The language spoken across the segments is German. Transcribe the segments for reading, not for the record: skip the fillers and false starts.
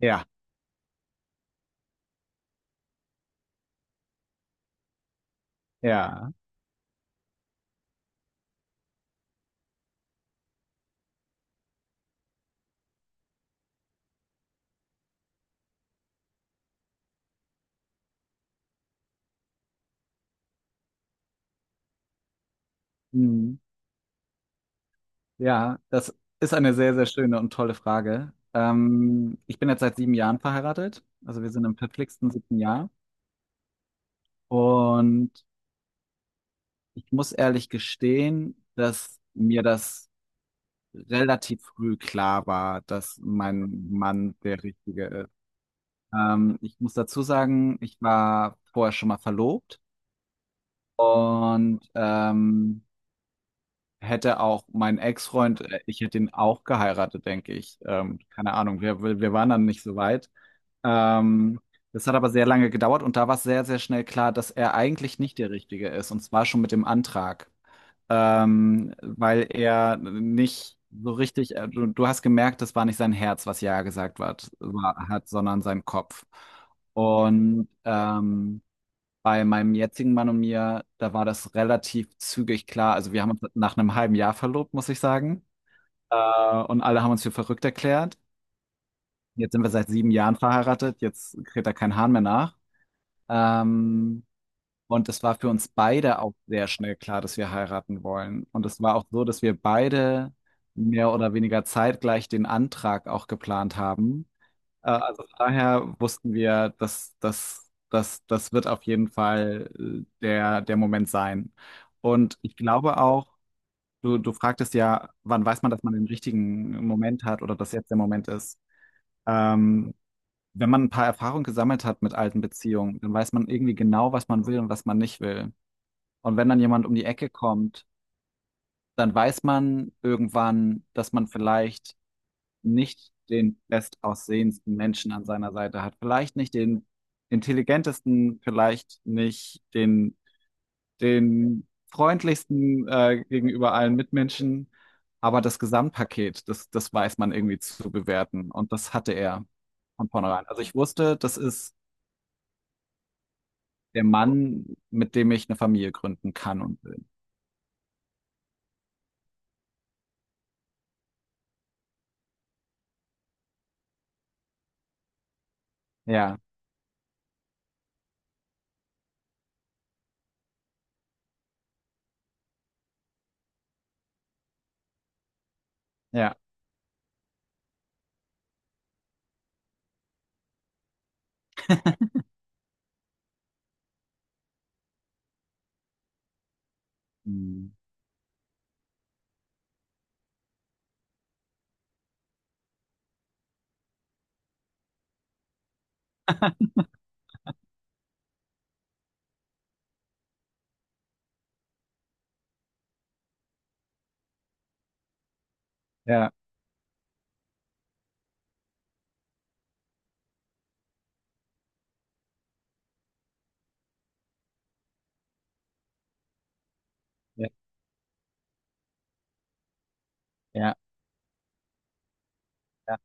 Ja, ja, mhm. Ja, das ist eine sehr, sehr schöne und tolle Frage. Ich bin jetzt seit 7 Jahren verheiratet, also wir sind im verflixten siebten Jahr und ich muss ehrlich gestehen, dass mir das relativ früh klar war, dass mein Mann der Richtige ist. Ich muss dazu sagen, ich war vorher schon mal verlobt und hätte auch mein Ex-Freund, ich hätte ihn auch geheiratet, denke ich. Keine Ahnung, wir waren dann nicht so weit. Ähm, das hat aber sehr lange gedauert und da war es sehr, sehr schnell klar, dass er eigentlich nicht der Richtige ist, und zwar schon mit dem Antrag. Weil er nicht so richtig, du hast gemerkt, das war nicht sein Herz, was Ja gesagt hat, sondern sein Kopf. Und bei meinem jetzigen Mann und mir, da war das relativ zügig klar. Also wir haben uns nach einem halben Jahr verlobt, muss ich sagen. Äh, und alle haben uns für verrückt erklärt. Jetzt sind wir seit 7 Jahren verheiratet. Jetzt kräht da kein Hahn mehr nach. Ähm, und es war für uns beide auch sehr schnell klar, dass wir heiraten wollen. Und es war auch so, dass wir beide mehr oder weniger zeitgleich den Antrag auch geplant haben. Also von daher wussten wir, dass das wird auf jeden Fall der Moment sein. Und ich glaube auch, du fragtest ja, wann weiß man, dass man den richtigen Moment hat oder dass jetzt der Moment ist. Ähm, wenn man ein paar Erfahrungen gesammelt hat mit alten Beziehungen, dann weiß man irgendwie genau, was man will und was man nicht will. Und wenn dann jemand um die Ecke kommt, dann weiß man irgendwann, dass man vielleicht nicht den bestaussehendsten Menschen an seiner Seite hat, vielleicht nicht den intelligentesten, vielleicht nicht den, den freundlichsten gegenüber allen Mitmenschen, aber das Gesamtpaket, das weiß man irgendwie zu bewerten und das hatte er von vornherein. Also ich wusste, das ist der Mann, mit dem ich eine Familie gründen kann und will. Ja. Ja. Hm. Ja. Ja. Ja. Ja.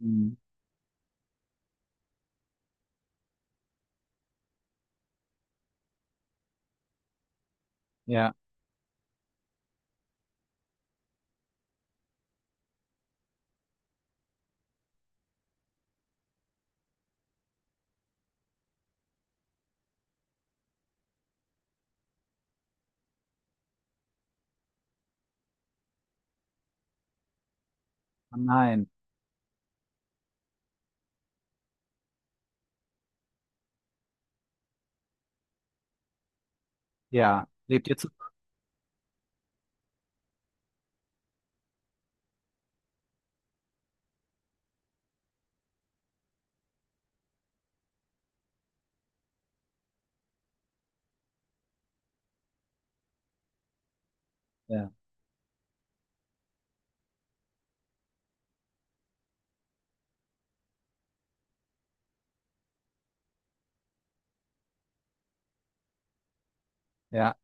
Hm. Ja. Oh nein. Ja, lebt ihr zusammen? Ja, ja.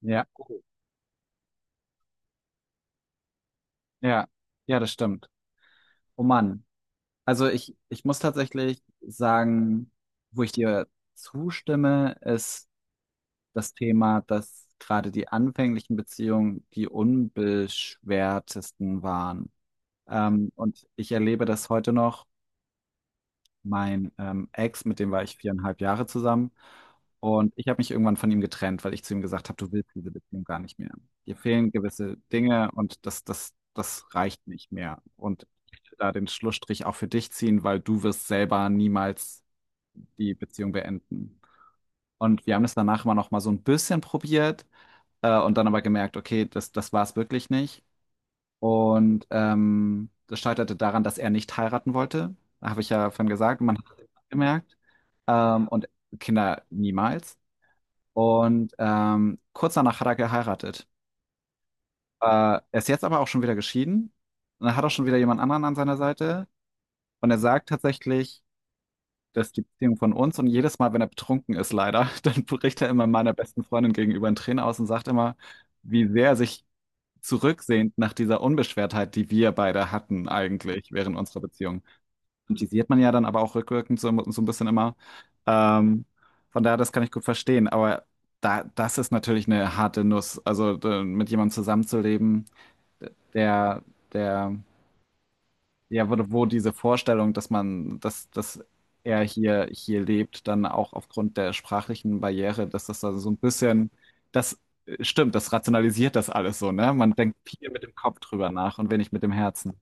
Ja. Ja, ja, das stimmt. Oh Mann. Also ich muss tatsächlich sagen, wo ich dir zustimme, ist das Thema, dass gerade die anfänglichen Beziehungen die unbeschwertesten waren. Und ich erlebe das heute noch. Mein Ex, mit dem war ich 4,5 Jahre zusammen. Und ich habe mich irgendwann von ihm getrennt, weil ich zu ihm gesagt habe, du willst diese Beziehung gar nicht mehr. Dir fehlen gewisse Dinge und das reicht nicht mehr. Und ich möchte da den Schlussstrich auch für dich ziehen, weil du wirst selber niemals die Beziehung beenden. Und wir haben es danach immer noch mal so ein bisschen probiert und dann aber gemerkt, okay, das war es wirklich nicht. Und das scheiterte daran, dass er nicht heiraten wollte. Habe ich ja vorhin gesagt, man hat es gemerkt. Und Kinder niemals. Und kurz danach hat er geheiratet. Er ist jetzt aber auch schon wieder geschieden. Und er hat auch schon wieder jemand anderen an seiner Seite. Und er sagt tatsächlich, dass die Beziehung von uns und jedes Mal, wenn er betrunken ist, leider, dann bricht er immer meiner besten Freundin gegenüber in Tränen aus und sagt immer, wie sehr er sich zurücksehend nach dieser Unbeschwertheit, die wir beide hatten eigentlich während unserer Beziehung. Und die sieht man ja dann aber auch rückwirkend so, so ein bisschen immer. Ähm, von daher, das kann ich gut verstehen. Aber da, das ist natürlich eine harte Nuss. Also mit jemandem zusammenzuleben, der, der ja, wo diese Vorstellung, dass man, dass er hier lebt, dann auch aufgrund der sprachlichen Barriere, dass das da so ein bisschen, das stimmt, das rationalisiert das alles so, ne? Man denkt viel mit dem Kopf drüber nach und wenig mit dem Herzen.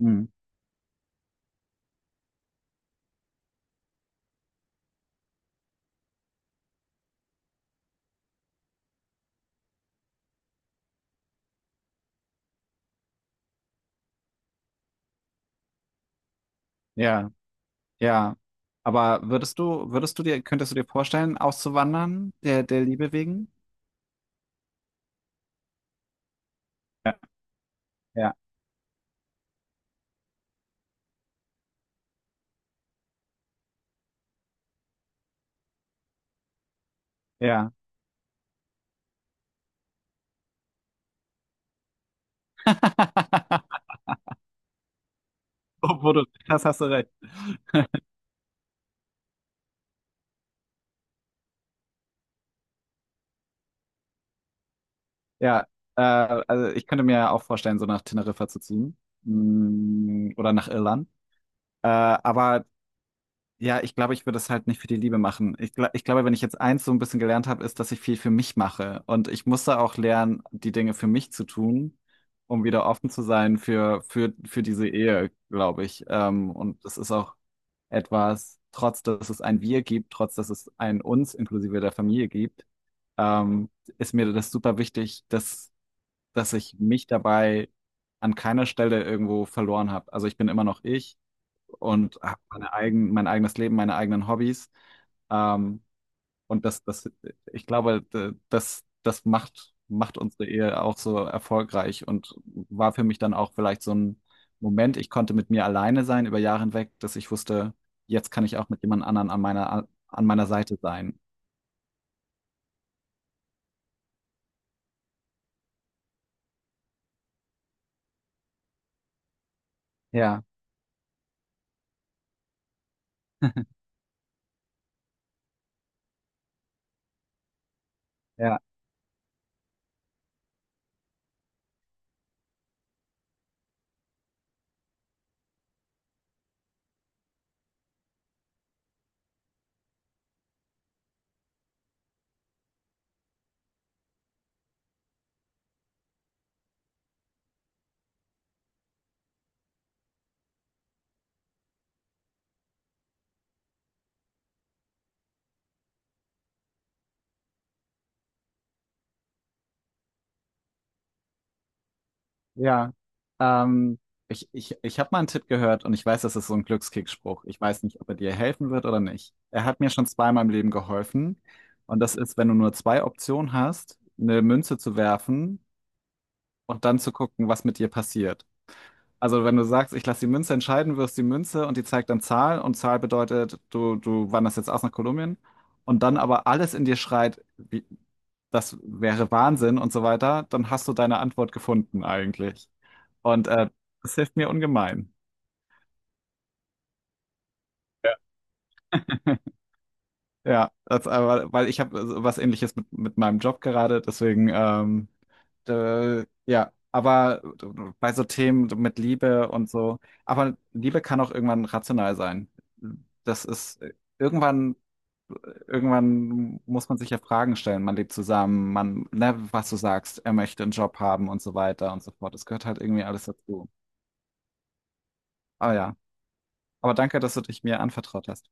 Mhm. Ja, ja. Aber könntest du dir vorstellen, auszuwandern, der Liebe wegen? Ja, ja, ja. Obwohl du, das hast du recht. Ja, also ich könnte mir ja auch vorstellen, so nach Teneriffa zu ziehen. Oder nach Irland. Aber ja, ich glaube, ich würde es halt nicht für die Liebe machen. Ich glaube, wenn ich jetzt eins so ein bisschen gelernt habe, ist, dass ich viel für mich mache. Und ich musste auch lernen, die Dinge für mich zu tun, um wieder offen zu sein für diese Ehe, glaube ich. Und das ist auch etwas, trotz dass es ein Wir gibt, trotz dass es ein Uns inklusive der Familie gibt, ähm, ist mir das super wichtig, dass ich mich dabei an keiner Stelle irgendwo verloren habe. Also ich bin immer noch ich und habe mein eigenes Leben, meine eigenen Hobbys. Ähm, und ich glaube, das macht unsere Ehe auch so erfolgreich und war für mich dann auch vielleicht so ein Moment, ich konnte mit mir alleine sein über Jahre hinweg, dass ich wusste, jetzt kann ich auch mit jemand anderen an meiner Seite sein. Ja, ja. Ja, ähm, ich habe mal einen Tipp gehört und ich weiß, das ist so ein Glückskickspruch. Ich weiß nicht, ob er dir helfen wird oder nicht. Er hat mir schon zweimal im Leben geholfen. Und das ist, wenn du nur zwei Optionen hast, eine Münze zu werfen und dann zu gucken, was mit dir passiert. Also wenn du sagst, ich lasse die Münze entscheiden, wirfst die Münze und die zeigt dann Zahl und Zahl bedeutet, du wanderst jetzt aus nach Kolumbien und dann aber alles in dir schreit, wie, das wäre Wahnsinn und so weiter, dann hast du deine Antwort gefunden eigentlich. Und äh, das hilft mir ungemein. Ja, das, aber, weil ich habe so was Ähnliches mit meinem Job gerade, deswegen, ja, aber bei so Themen mit Liebe und so, aber Liebe kann auch irgendwann rational sein. Das ist irgendwann muss man sich ja Fragen stellen. Man lebt zusammen, man, ne, was du sagst, er möchte einen Job haben und so weiter und so fort. Das gehört halt irgendwie alles dazu. Ah ja. Aber danke, dass du dich mir anvertraut hast.